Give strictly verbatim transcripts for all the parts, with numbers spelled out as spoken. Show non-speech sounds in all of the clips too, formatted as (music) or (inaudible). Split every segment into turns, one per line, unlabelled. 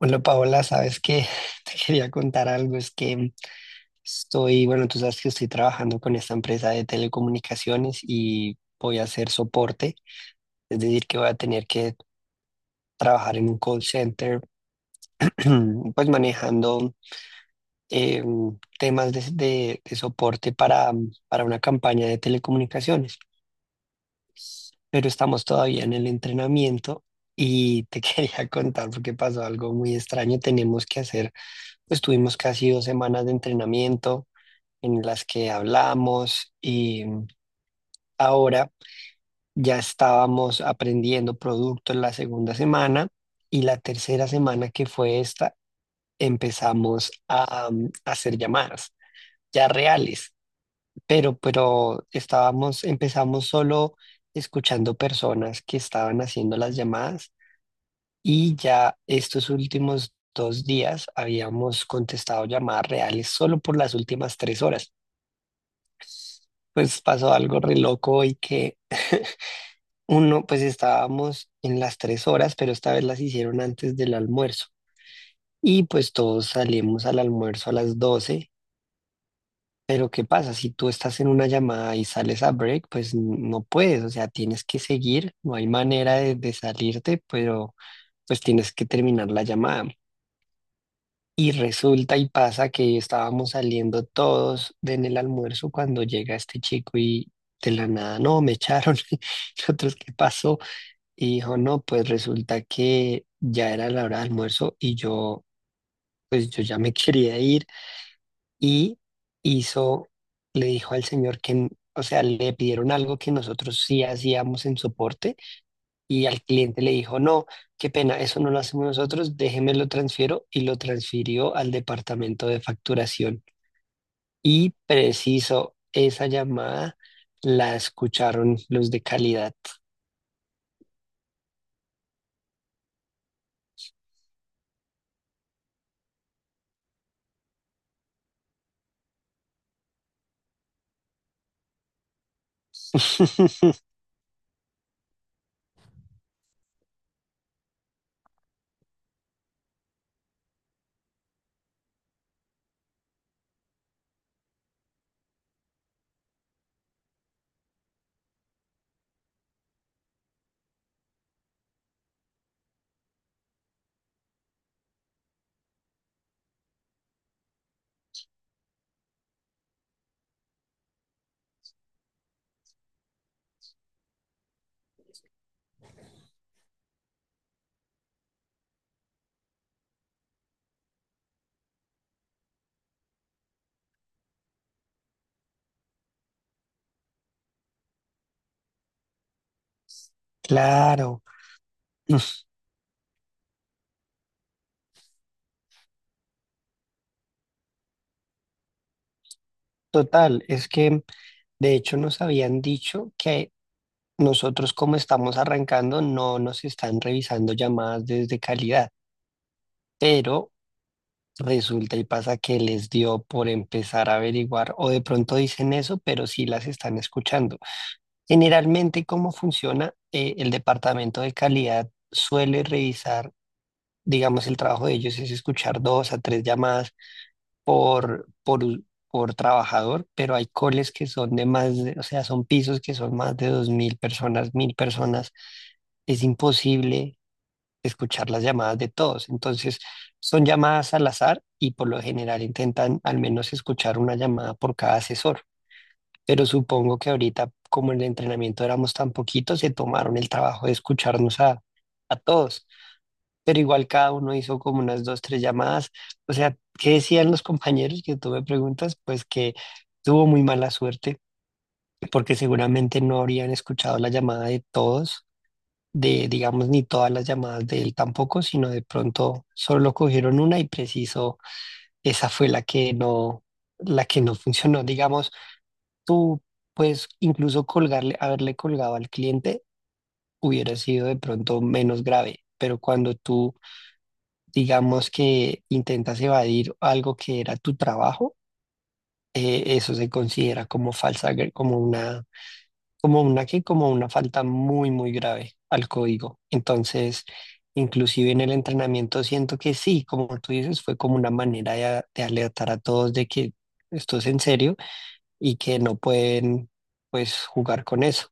Bueno, Paola, sabes que (laughs) te quería contar algo, es que estoy, bueno, tú sabes que estoy trabajando con esta empresa de telecomunicaciones y voy a hacer soporte, es decir, que voy a tener que trabajar en un call center. (clears throat) Pues manejando eh, temas de, de- de soporte para, para una campaña de telecomunicaciones, pero estamos todavía en el entrenamiento y te (laughs) quería contar porque pasó algo muy extraño. Tenemos que hacer Pues tuvimos casi dos semanas de entrenamiento en las que hablamos y ahora ya estábamos aprendiendo productos la segunda semana, y la tercera semana, que fue esta, empezamos a, um, hacer llamadas ya reales, pero, pero estábamos, empezamos solo escuchando personas que estaban haciendo las llamadas, y ya estos últimos dos días habíamos contestado llamadas reales solo por las últimas tres horas. Pues pasó algo re loco y que (laughs) uno, pues estábamos en las tres horas, pero esta vez las hicieron antes del almuerzo. Y pues todos salimos al almuerzo a las doce. Pero ¿qué pasa? Si tú estás en una llamada y sales a break, pues n- no puedes, o sea, tienes que seguir, no hay manera de, de salirte, pero pues tienes que terminar la llamada. Y resulta y pasa que estábamos saliendo todos de en el almuerzo cuando llega este chico y de la nada, no, me echaron. (laughs) Nosotros, ¿qué pasó? Y dijo, no, pues resulta que ya era la hora de almuerzo y yo, pues yo ya me (laughs) quería ir. Y hizo, le dijo al señor que, o sea, le pidieron algo que nosotros sí hacíamos en soporte, y al cliente le dijo, no, qué pena, eso no lo hacemos nosotros, déjeme lo transfiero, y lo transfirió al departamento de facturación. Y preciso, esa llamada la escucharon los de calidad. (laughs) Claro, total, es que de hecho nos habían dicho que nosotros, como estamos arrancando, no nos están revisando llamadas desde calidad, pero. Resulta y pasa que les dio por empezar a averiguar, o de pronto dicen eso, pero sí las están escuchando. Generalmente, ¿cómo funciona? Eh, el departamento de calidad suele revisar, digamos, el trabajo de ellos es escuchar dos a tres llamadas por, por, u- por trabajador, pero hay coles que son de más de- o sea, son pisos que son más de dos mil personas, mil personas. Es imposible escuchar las llamadas de todos. Entonces, son llamadas al azar y por lo general intentan al menos escuchar una llamada por cada asesor. Pero supongo que ahorita, como en el entrenamiento éramos tan poquitos, se tomaron el trabajo de escucharnos a, a todos. Pero igual cada uno hizo como unas dos, tres llamadas. O sea, ¿qué decían los compañeros, que tú me preguntas? Pues que tuvo muy mala suerte porque seguramente no habrían escuchado la llamada de todos, de, digamos, ni todas las llamadas de él tampoco, sino de pronto solo cogieron una y preciso, esa fue la que no, la que no funcionó. Digamos, tú pues incluso colgarle, haberle colgado al cliente, hubiera sido de pronto menos grave, pero cuando tú, digamos, que intentas evadir algo que era tu trabajo, eh, eso se considera como falsa, agre- como una como una que como una falta muy muy grave al código. Entonces, inclusive en el entrenamiento siento que sí, como tú dices, fue como una manera de, a- de alertar a todos de que esto es en serio, y que no pueden pues jugar con eso.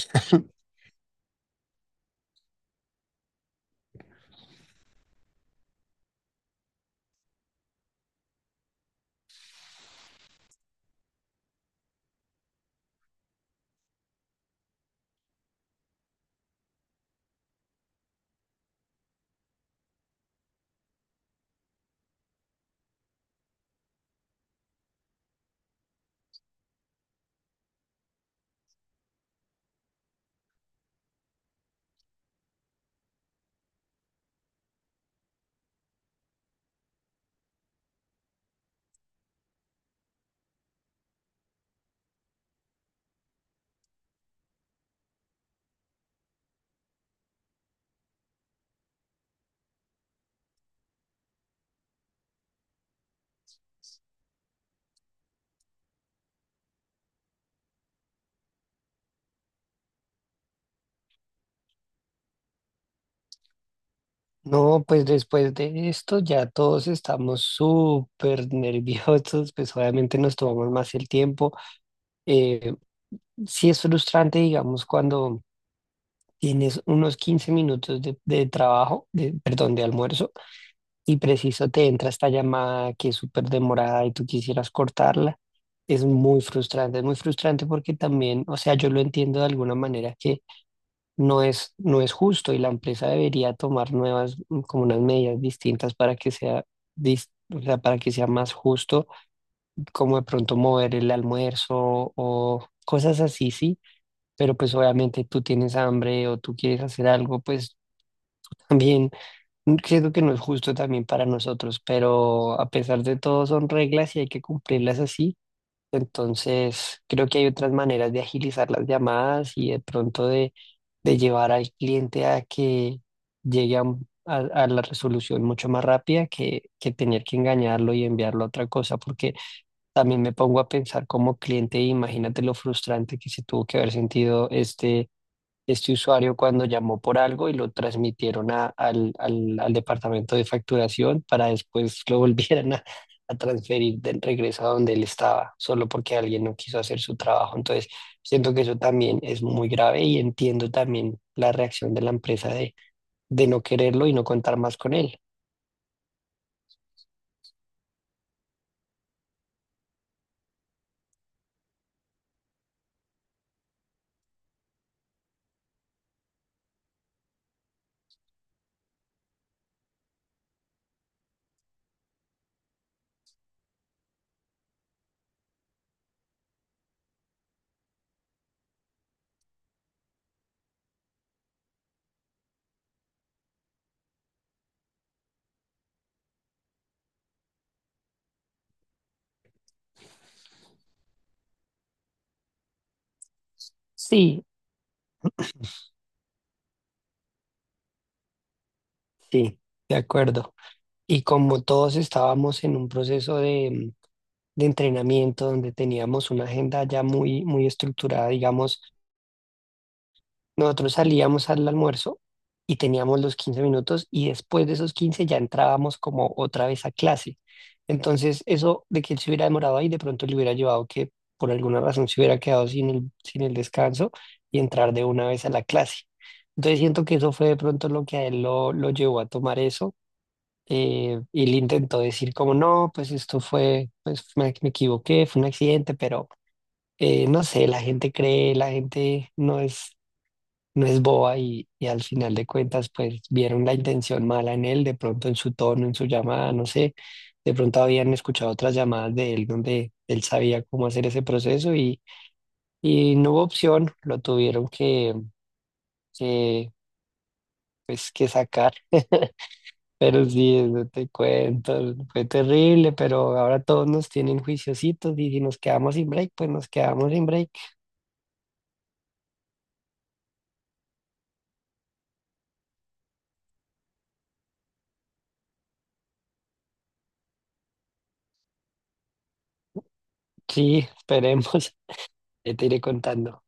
(laughs) No, pues después de esto ya todos estamos súper nerviosos, pues obviamente nos tomamos más el tiempo. Eh, sí es frustrante, digamos, cuando tienes unos quince minutos de, de trabajo, de, perdón, de almuerzo, y preciso te entra esta llamada que es súper demorada y tú quisieras cortarla. Es muy frustrante, es muy frustrante porque también, o sea, yo lo entiendo de alguna manera, que no es, no es justo, y la empresa debería tomar nuevas, mm, como unas medidas distintas para que sea, dis- o sea, para que sea más justo, como de pronto mover el almuerzo o cosas así, sí, pero pues obviamente tú tienes hambre o tú quieres hacer algo, pues. También. Mm, Siento que no es justo también para nosotros, pero a pesar de todo son reglas y hay que cumplirlas así. Entonces, creo que hay otras maneras de agilizar las llamadas y de pronto de, de llevar al cliente a que llegue a, un- a- a la resolución mucho más rápida, que, que tener que engañarlo y enviarlo a otra cosa, porque también me pongo a pensar como cliente, imagínate lo frustrante que se tuvo que haber sentido este este usuario cuando llamó por algo y lo transmitieron a- al, al- al departamento de facturación, para después lo (laughs) volvieran a, a transferir del regreso a donde él estaba, solo porque alguien no quiso hacer su trabajo. Entonces, siento que eso también es muy grave, y entiendo también la reacción de la empresa de, de no quererlo y no contar más con él. Sí, sí, de acuerdo. Y como todos estábamos en un proceso de... de entrenamiento donde teníamos una agenda ya muy, muy estructurada, digamos, Nosotros salíamos al almuerzo y teníamos los quince minutos, y después de esos quince ya entrábamos como otra vez a clase. Entonces, eso de que él se hubiera demorado ahí, de pronto le hubiera llevado que por alguna razón se hubiera quedado sin el, sin el descanso, y entrar de una vez a la clase. Entonces, siento que eso fue de pronto lo que a él lo, lo llevó a tomar eso. eh, y le intentó decir como, no, pues esto fue, pues me, me equivoqué, fue un accidente, pero eh, no sé, la gente cree, la gente no es, no es boba, y, y al final de cuentas, pues vieron la intención mala en él, de pronto en su tono, en su llamada, no sé, de pronto habían escuchado otras llamadas de él donde él sabía cómo hacer ese proceso, y, y no hubo opción, lo tuvieron que, que, pues, que sacar. (laughs) Pero sí, eso te cuento, fue terrible, pero ahora todos nos tienen juiciositos, y si nos quedamos sin break, pues nos quedamos sin break. Sí, esperemos. (laughs) Ya te iré contando.